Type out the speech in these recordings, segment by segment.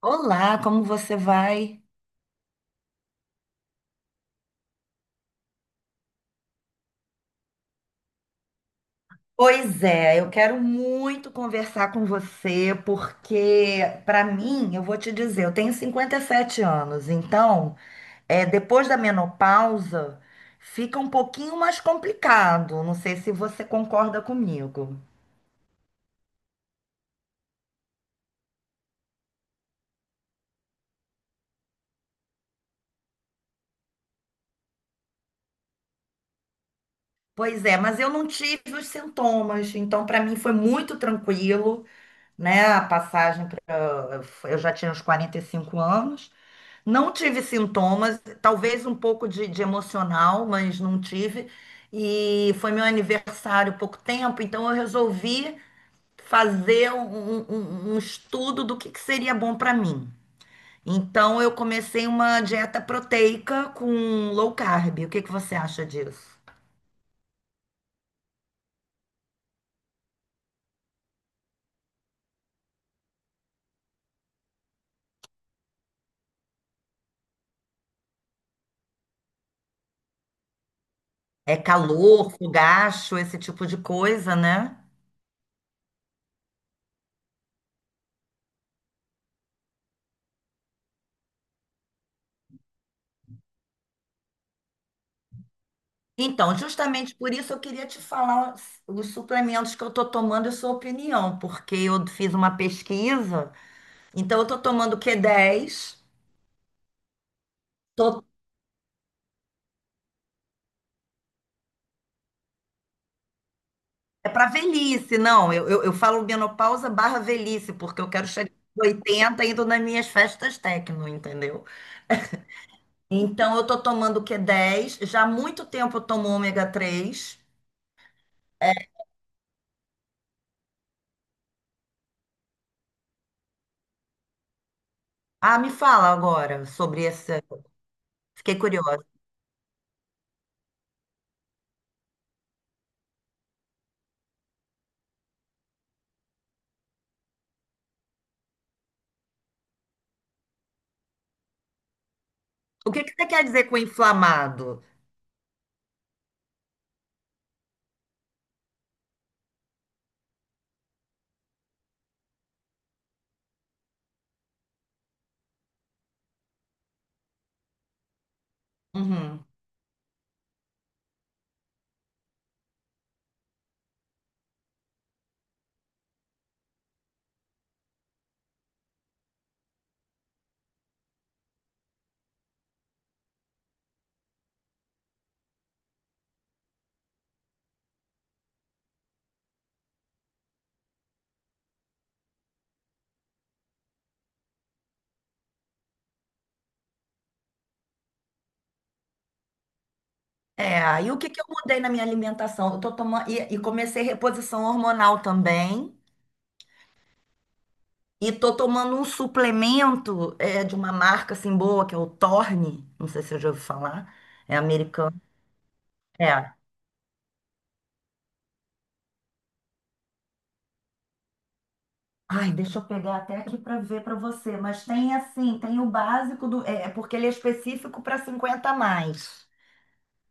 Olá, como você vai? Pois é, eu quero muito conversar com você, porque, para mim, eu vou te dizer, eu tenho 57 anos, então, depois da menopausa, fica um pouquinho mais complicado. Não sei se você concorda comigo. Pois é, mas eu não tive os sintomas, então, para mim, foi muito tranquilo, né? A passagem para. Eu já tinha uns 45 anos. Não tive sintomas, talvez um pouco de emocional, mas não tive. E foi meu aniversário há pouco tempo, então eu resolvi fazer um estudo do que seria bom para mim. Então eu comecei uma dieta proteica com low carb. O que que você acha disso? É calor, fogacho, esse tipo de coisa, né? Então, justamente por isso eu queria te falar os suplementos que eu estou tomando e sua opinião, porque eu fiz uma pesquisa, então eu estou tomando o Q10. tô- É para velhice, não, eu falo menopausa barra velhice, porque eu quero chegar aos 80 indo nas minhas festas tecno, entendeu? Então eu estou tomando o Q dez. Já há muito tempo eu tomo ômega 3. Ah, me fala agora sobre essa, fiquei curiosa. O que que você quer dizer com inflamado? Uhum. É, aí o que que eu mudei na minha alimentação? Eu tô tomando, e comecei reposição hormonal também. E tô tomando um suplemento de uma marca assim boa, que é o Torne. Não sei se você já ouviu falar. É americano. É. Ai, deixa eu pegar até aqui para ver para você. Mas tem assim, tem o básico do. É porque ele é específico para 50 a mais.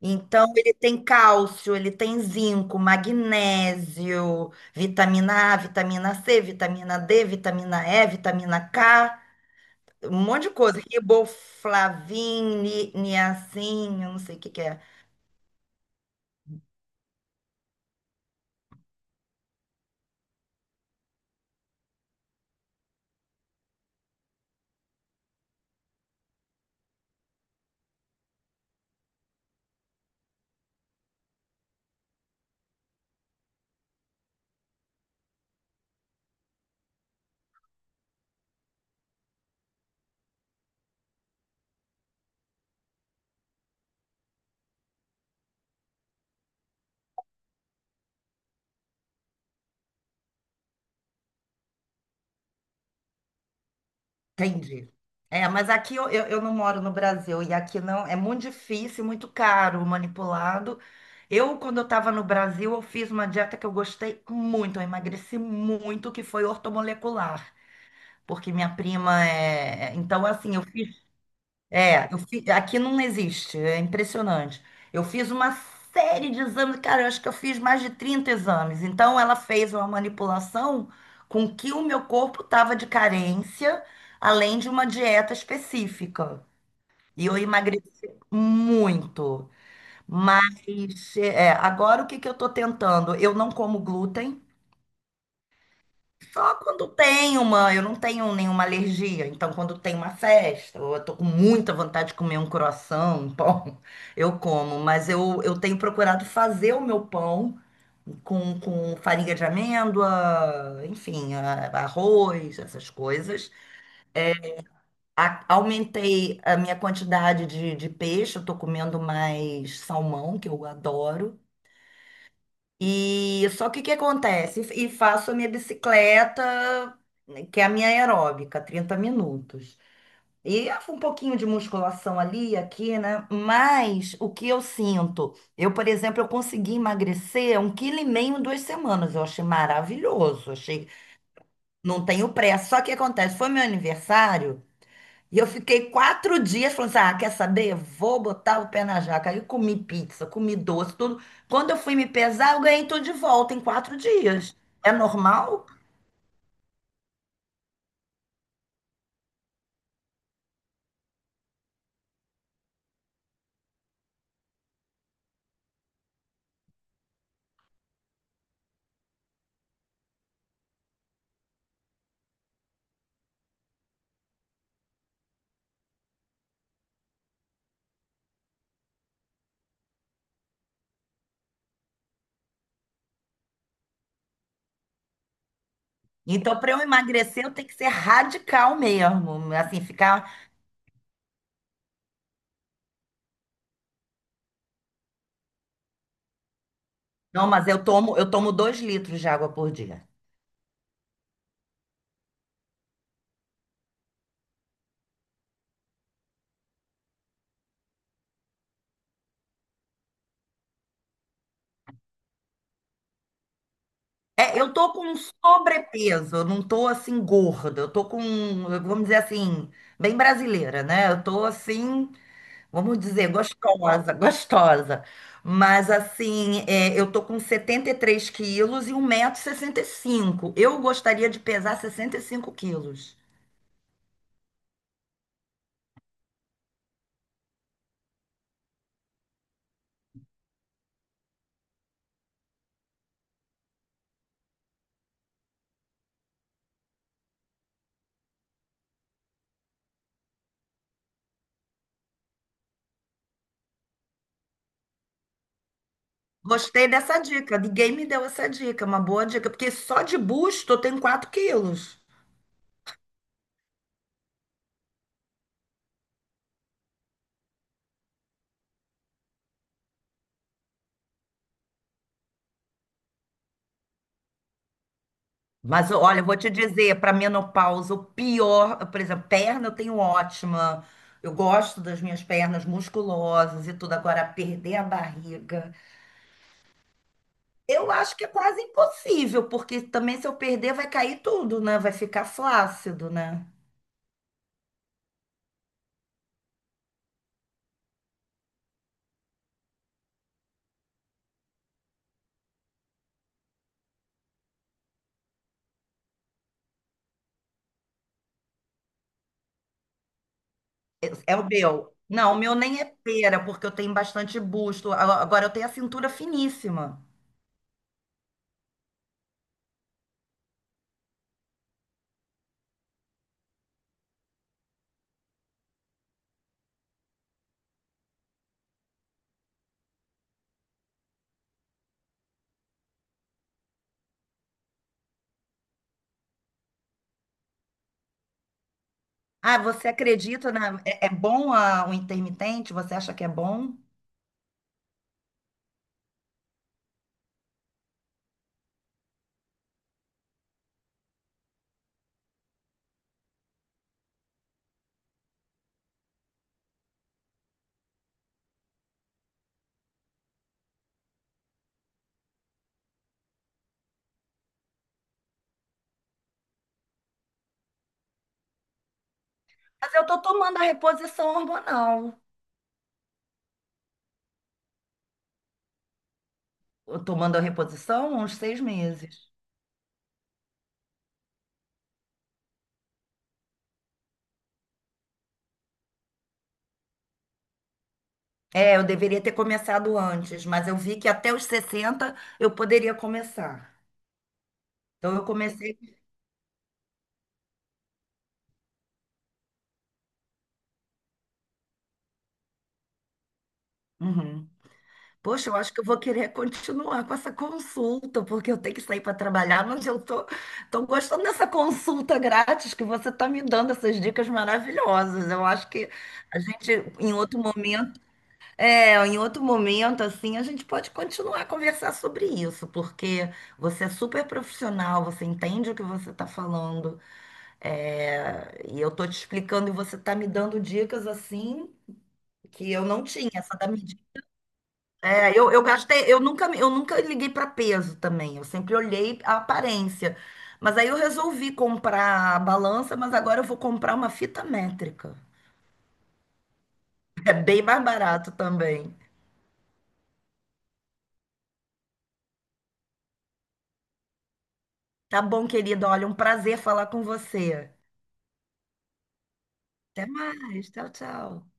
Então, ele tem cálcio, ele tem zinco, magnésio, vitamina A, vitamina C, vitamina D, vitamina E, vitamina K, um monte de coisa. Riboflavin, niacin, eu não sei o que que é. Entendi. É, mas aqui eu não moro no Brasil e aqui não, é muito difícil, muito caro, manipulado. Eu, quando eu estava no Brasil, eu fiz uma dieta que eu gostei muito, eu emagreci muito, que foi ortomolecular. Porque minha prima é. Então, assim, eu fiz. Aqui não existe, é impressionante. Eu fiz uma série de exames, cara, eu acho que eu fiz mais de 30 exames. Então, ela fez uma manipulação com que o meu corpo estava de carência, além de uma dieta específica. E eu emagreci muito. Mas, agora o que que eu estou tentando? Eu não como glúten. Só quando tem uma, Eu não tenho nenhuma alergia, então quando tem uma festa, ou eu tô com muita vontade de comer um croissant, um pão, eu como, mas eu tenho procurado fazer o meu pão com farinha de amêndoa, enfim, arroz, essas coisas. Aumentei a minha quantidade de peixe, eu tô comendo mais salmão, que eu adoro. E só que o que acontece? E faço a minha bicicleta, que é a minha aeróbica, 30 minutos. E um pouquinho de musculação ali, e aqui, né? Mas o que eu sinto? Eu, por exemplo, eu consegui emagrecer 1,5 quilo em 2 semanas. Eu achei maravilhoso. Achei, não tenho pressa. Só que acontece, foi meu aniversário. E eu fiquei 4 dias falando assim, ah, quer saber? Vou botar o pé na jaca. Aí eu comi pizza, comi doce, tudo. Quando eu fui me pesar, eu ganhei tudo de volta em 4 dias. É normal? Então, para eu emagrecer, eu tenho que ser radical mesmo. Assim, ficar. Não, mas eu tomo 2 litros de água por dia. É, eu tô com um sobrepeso, eu não tô assim gorda, eu tô com, vamos dizer assim, bem brasileira, né? Eu tô assim, vamos dizer, gostosa, gostosa. Mas assim, eu tô com 73 quilos e 1,65 m. Eu gostaria de pesar 65 quilos. Gostei dessa dica. Ninguém me deu essa dica, uma boa dica, porque só de busto eu tenho 4 quilos. Mas olha, eu vou te dizer, para menopausa, o pior, por exemplo, perna eu tenho ótima. Eu gosto das minhas pernas musculosas e tudo. Agora, perder a barriga. Eu acho que é quase impossível, porque também se eu perder vai cair tudo, né? Vai ficar flácido, né? É, é o meu. Não, o meu nem é pera, porque eu tenho bastante busto. Agora eu tenho a cintura finíssima. Ah, você acredita, né? É, é bom o intermitente? Você acha que é bom? Mas eu tô tomando a reposição hormonal. Eu tomando a reposição há uns 6 meses. É, eu deveria ter começado antes, mas eu vi que até os 60 eu poderia começar. Então eu comecei. Uhum. Poxa, eu acho que eu vou querer continuar com essa consulta, porque eu tenho que sair para trabalhar, mas eu tô gostando dessa consulta grátis que você está me dando, essas dicas maravilhosas. Eu acho que a gente, em outro momento, em outro momento, assim, a gente pode continuar a conversar sobre isso, porque você é super profissional, você entende o que você está falando, e eu tô te explicando e você está me dando dicas assim que eu não tinha. Essa da mídia é, eu gastei, eu nunca liguei para peso também, eu sempre olhei a aparência. Mas aí eu resolvi comprar a balança, mas agora eu vou comprar uma fita métrica. É bem mais barato também. Tá bom, querida, olha, um prazer falar com você. Até mais, tchau, tchau.